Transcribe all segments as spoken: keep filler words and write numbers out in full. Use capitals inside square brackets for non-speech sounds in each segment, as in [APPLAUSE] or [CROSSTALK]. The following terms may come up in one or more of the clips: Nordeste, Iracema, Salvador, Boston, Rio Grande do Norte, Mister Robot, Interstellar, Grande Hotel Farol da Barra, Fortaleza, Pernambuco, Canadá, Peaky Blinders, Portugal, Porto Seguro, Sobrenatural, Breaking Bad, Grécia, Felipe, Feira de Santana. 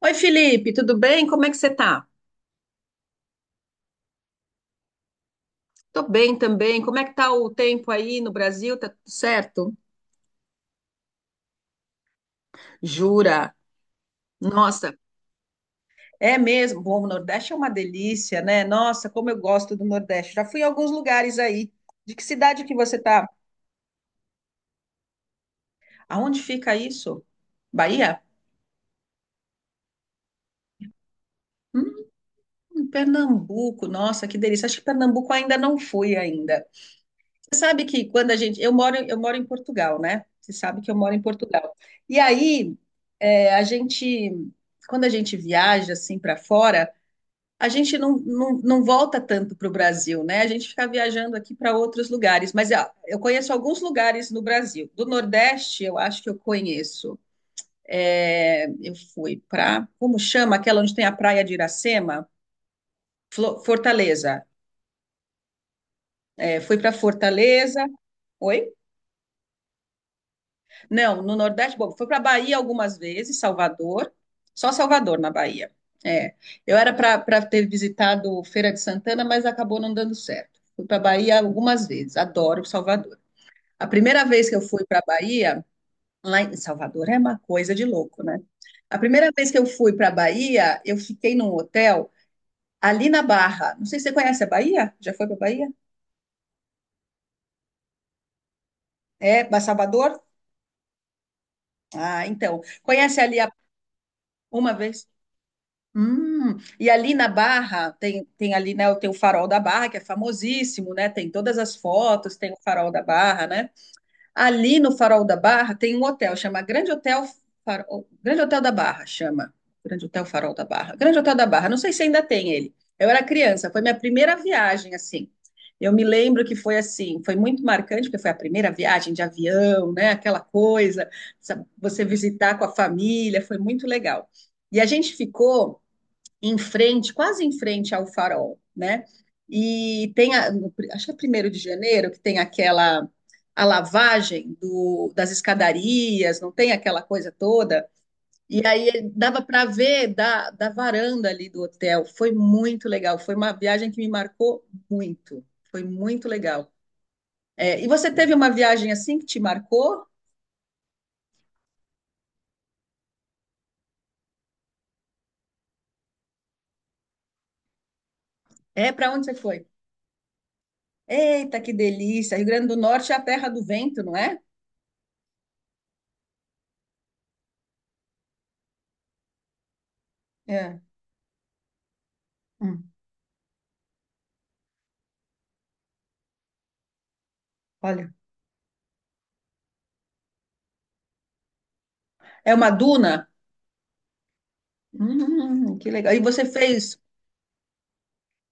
Oi, Felipe, tudo bem? Como é que você tá? Tô bem também. Como é que tá o tempo aí no Brasil? Tá tudo certo? Jura? Nossa, é mesmo. Bom, o Nordeste é uma delícia, né? Nossa, como eu gosto do Nordeste. Já fui em alguns lugares aí. De que cidade que você tá? Aonde fica isso? Bahia? Hum, Pernambuco. Nossa, que delícia. Acho que Pernambuco ainda não fui ainda. Você sabe que quando a gente. Eu moro, eu moro em Portugal, né? Você sabe que eu moro em Portugal. E aí, é, a gente. Quando a gente viaja assim para fora, a gente não, não, não volta tanto para o Brasil, né? A gente fica viajando aqui para outros lugares. Mas ó, eu conheço alguns lugares no Brasil. Do Nordeste, eu acho que eu conheço. É, eu fui para. Como chama aquela onde tem a praia de Iracema? Flo- Fortaleza. É, fui para Fortaleza. Oi? Não, no Nordeste, bom, fui para Bahia algumas vezes, Salvador, só Salvador na Bahia. É, eu era para ter visitado Feira de Santana, mas acabou não dando certo. Fui para Bahia algumas vezes, adoro Salvador. A primeira vez que eu fui para Bahia, lá em Salvador é uma coisa de louco, né? A primeira vez que eu fui para Bahia, eu fiquei num hotel ali na Barra. Não sei se você conhece a Bahia? Já foi para Bahia? É, ba- Salvador? Ah, então, conhece ali a- uma vez? Hum, e ali na Barra tem, tem ali, né, tem o Farol da Barra, que é famosíssimo, né? Tem todas as fotos, tem o Farol da Barra, né? Ali no Farol da Barra tem um hotel, chama Grande Hotel Farol, Grande Hotel da Barra, chama. Grande Hotel Farol da Barra. Grande Hotel da Barra, não sei se ainda tem ele. Eu era criança, foi minha primeira viagem assim. Eu me lembro que foi assim, foi muito marcante, porque foi a primeira viagem de avião, né? Aquela coisa, sabe, você visitar com a família, foi muito legal. E a gente ficou em frente, quase em frente ao Farol, né? E tem, a, no- pri- Acho que é primeiro de janeiro, que tem aquela a lavagem do, das escadarias, não tem aquela coisa toda. E aí dava para ver da, da varanda ali do hotel. Foi muito legal. Foi uma viagem que me marcou muito. Foi muito legal. É, e você teve uma viagem assim que te marcou? É, para onde você foi? Eita, que delícia! Rio Grande do Norte é a terra do vento, não é? É. Hum, Olha. É uma duna? Hum, que legal. E você fez,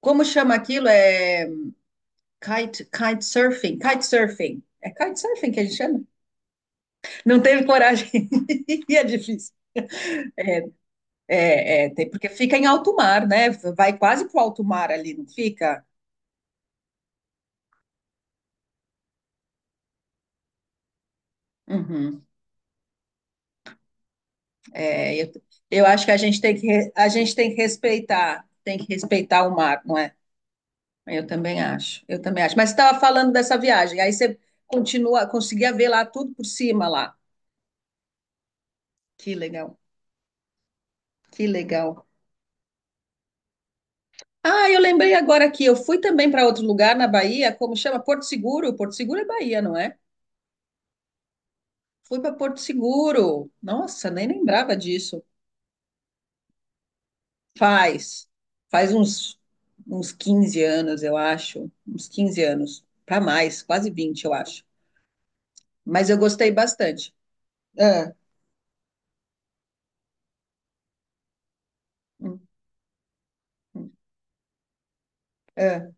como chama aquilo? É kite, kite surfing, kite surfing. É kite surfing que a gente chama? Não teve coragem. [LAUGHS] E é difícil. É, é, é, Tem, porque fica em alto mar, né? Vai quase pro alto mar ali, não fica? Uhum. É, eu, eu acho que a gente tem que, re- a gente tem que respeitar, tem que respeitar o mar, não é? Eu também acho, eu também acho. Mas você estava falando dessa viagem, aí você continua, conseguia ver lá tudo por cima lá. Que legal, que legal. Ah, eu lembrei agora aqui, eu fui também para outro lugar na Bahia, como chama? Porto Seguro. Porto Seguro é Bahia, não é? Fui para Porto Seguro. Nossa, nem lembrava disso. Faz, faz uns, uns quinze anos, eu acho. Uns quinze anos, para mais, quase vinte, eu acho. Mas eu gostei bastante. É, é,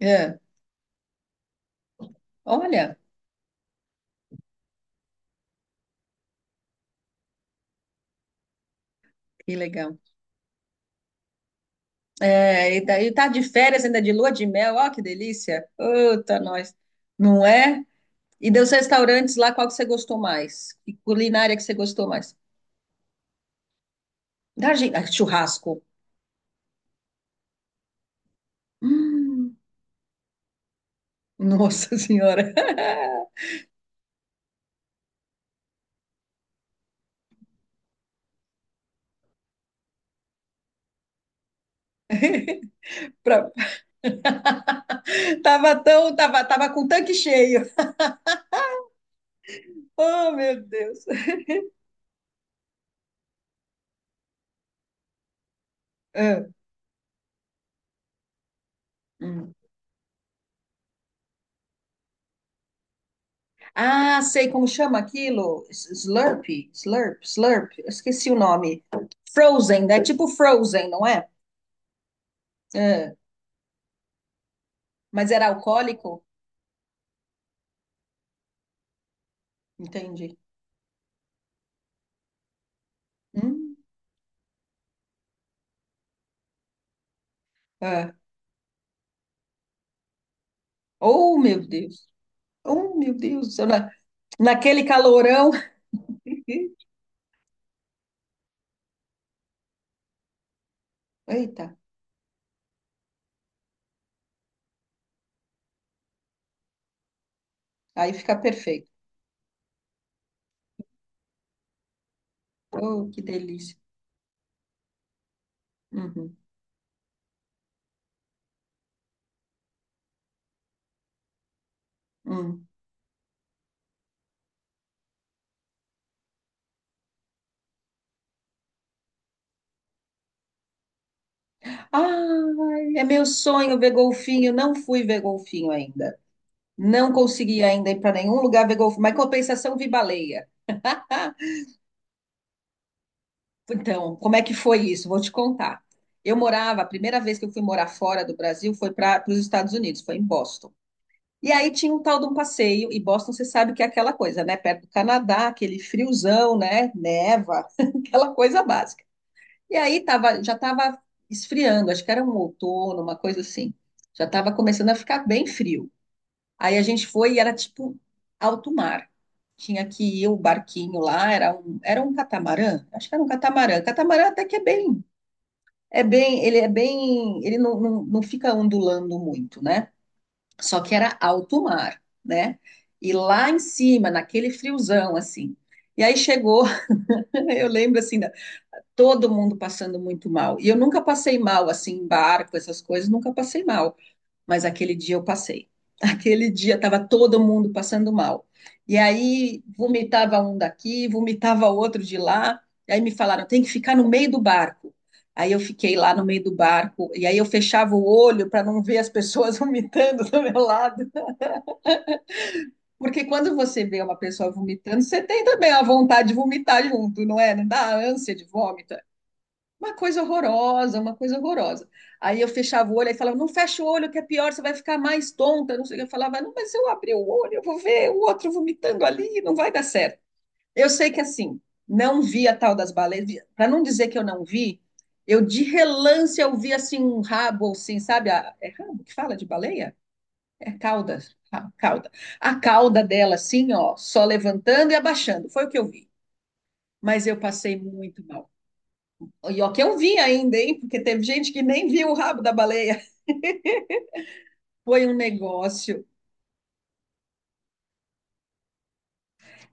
é. Olha, que legal. É, e daí tá de férias ainda de lua de mel, ó, que delícia. Puta, nós. Não é? E dos restaurantes lá, qual que você gostou mais? E culinária que você gostou mais? Da Argen- ah, churrasco. Hum, Nossa senhora. [LAUGHS] Pra- Tava tão, tava, tava com o tanque cheio. Oh, meu Deus. Ah, hum. Ah, sei como chama aquilo? S- Slurp, slurp, slurp. Eu esqueci o nome. Frozen, né? Tipo Frozen, não é? Ah, mas era alcoólico? Entendi. Hum, ah. Oh, meu Deus. Oh, meu Deus do céu. Na- Naquele calorão. Uhum. Eita, aí fica perfeito. Oh, que delícia. Uhum, hum. Ai, é meu sonho ver golfinho. Não fui ver golfinho ainda. Não consegui ainda ir para nenhum lugar ver golfinho, mas em compensação vi baleia. Então, como é que foi isso? Vou te contar. Eu morava, a primeira vez que eu fui morar fora do Brasil foi para os Estados Unidos, foi em Boston. E aí tinha um tal de um passeio, e Boston você sabe que é aquela coisa, né? Perto do Canadá, aquele friozão, né? Neva, [LAUGHS] aquela coisa básica. E aí tava, já estava esfriando, acho que era um outono, uma coisa assim. Já estava começando a ficar bem frio. Aí a gente foi e era tipo alto mar. Tinha que ir o barquinho lá, era um, era um catamarã, acho que era um catamarã. Catamarã até que é bem, é bem, ele é bem, ele não, não, não fica ondulando muito, né? Só que era alto mar, né? E lá em cima, naquele friozão, assim. E aí chegou, [LAUGHS] eu lembro assim, todo mundo passando muito mal. E eu nunca passei mal, assim, em barco, essas coisas, nunca passei mal. Mas aquele dia eu passei. [LAUGHS] Aquele dia estava todo mundo passando mal. E aí vomitava um daqui, vomitava outro de lá. E aí me falaram, tem que ficar no meio do barco. Aí eu fiquei lá no meio do barco, e aí eu fechava o olho para não ver as pessoas [LAUGHS] vomitando do meu lado. Porque quando você vê uma pessoa vomitando, você tem também a vontade de vomitar junto, não é? Não dá ânsia de vômito. Uma coisa horrorosa, uma coisa horrorosa. Aí eu fechava o olho, aí falava, não fecha o olho, que é pior, você vai ficar mais tonta. Não sei o que. Eu falava, não, mas se eu abrir o olho, eu vou ver o outro vomitando ali, não vai dar certo. Eu sei que assim, não vi a tal das baleias, para não dizer que eu não vi, eu de relance eu vi assim um rabo, assim, sabe? A- é rabo que fala de baleia? É cauda, ra- cauda. A cauda dela, assim, ó, só levantando e abaixando. Foi o que eu vi. Mas eu passei muito mal. E ó, que eu vi ainda, hein? Porque teve gente que nem viu o rabo da baleia. [LAUGHS] Foi um negócio.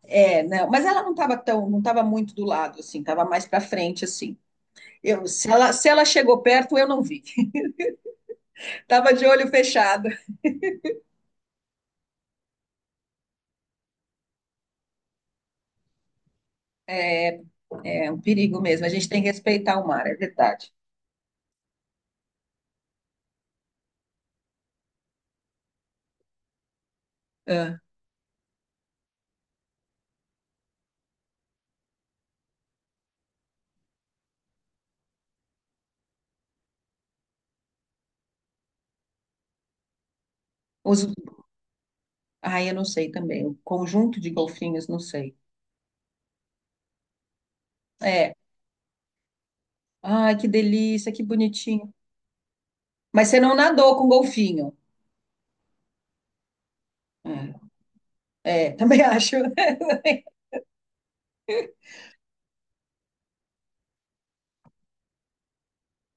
É, não, mas ela não estava tão, não estava muito do lado, assim, estava mais para frente, assim. Eu, se ela, se ela chegou perto, eu não vi. Tava de olho fechado. É um perigo mesmo. A gente tem que respeitar o mar, é verdade. Ah, os, ai, eu não sei também. O conjunto de golfinhos, não sei. É. Ai, que delícia, que bonitinho. Mas você não nadou com golfinho. É, é, [LAUGHS] também acho.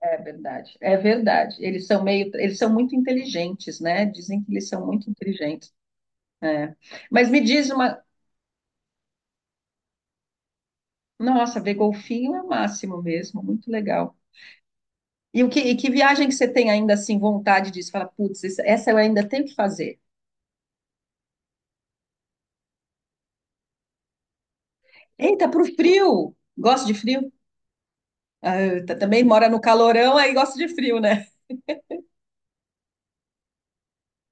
É verdade, é verdade. Eles são meio, eles são muito inteligentes, né? Dizem que eles são muito inteligentes. É. Mas me diz uma, Nossa, ver golfinho é o máximo mesmo, muito legal. E o que, e que viagem que você tem ainda assim vontade disso? Fala, putz, essa essa eu ainda tenho que fazer. Eita, pro frio. Gosto de frio? Eita, também mora no calorão, aí gosta de frio, né?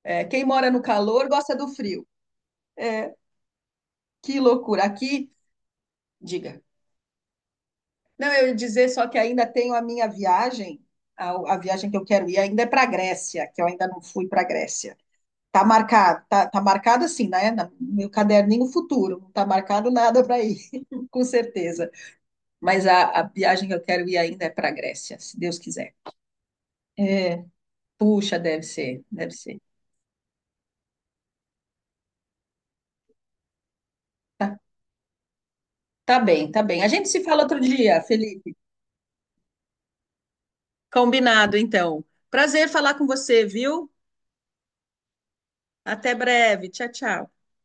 É, quem mora no calor gosta do frio. Que loucura. Aqui, diga. Não, eu ia dizer só que ainda tenho a minha viagem, a, a viagem que eu quero ir ainda é para a Grécia, que eu ainda não fui para a Grécia. Tá marcado, tá, tá marcado assim, né? No meu caderninho futuro, não tá marcado nada para ir, [LAUGHS] com certeza. Mas a, a viagem que eu quero ir ainda é para a Grécia, se Deus quiser. É, puxa, deve ser, deve ser. Tá, tá bem, tá bem. A gente se fala outro dia, Felipe. Combinado, então. Prazer falar com você, viu? Até breve. Tchau, tchau.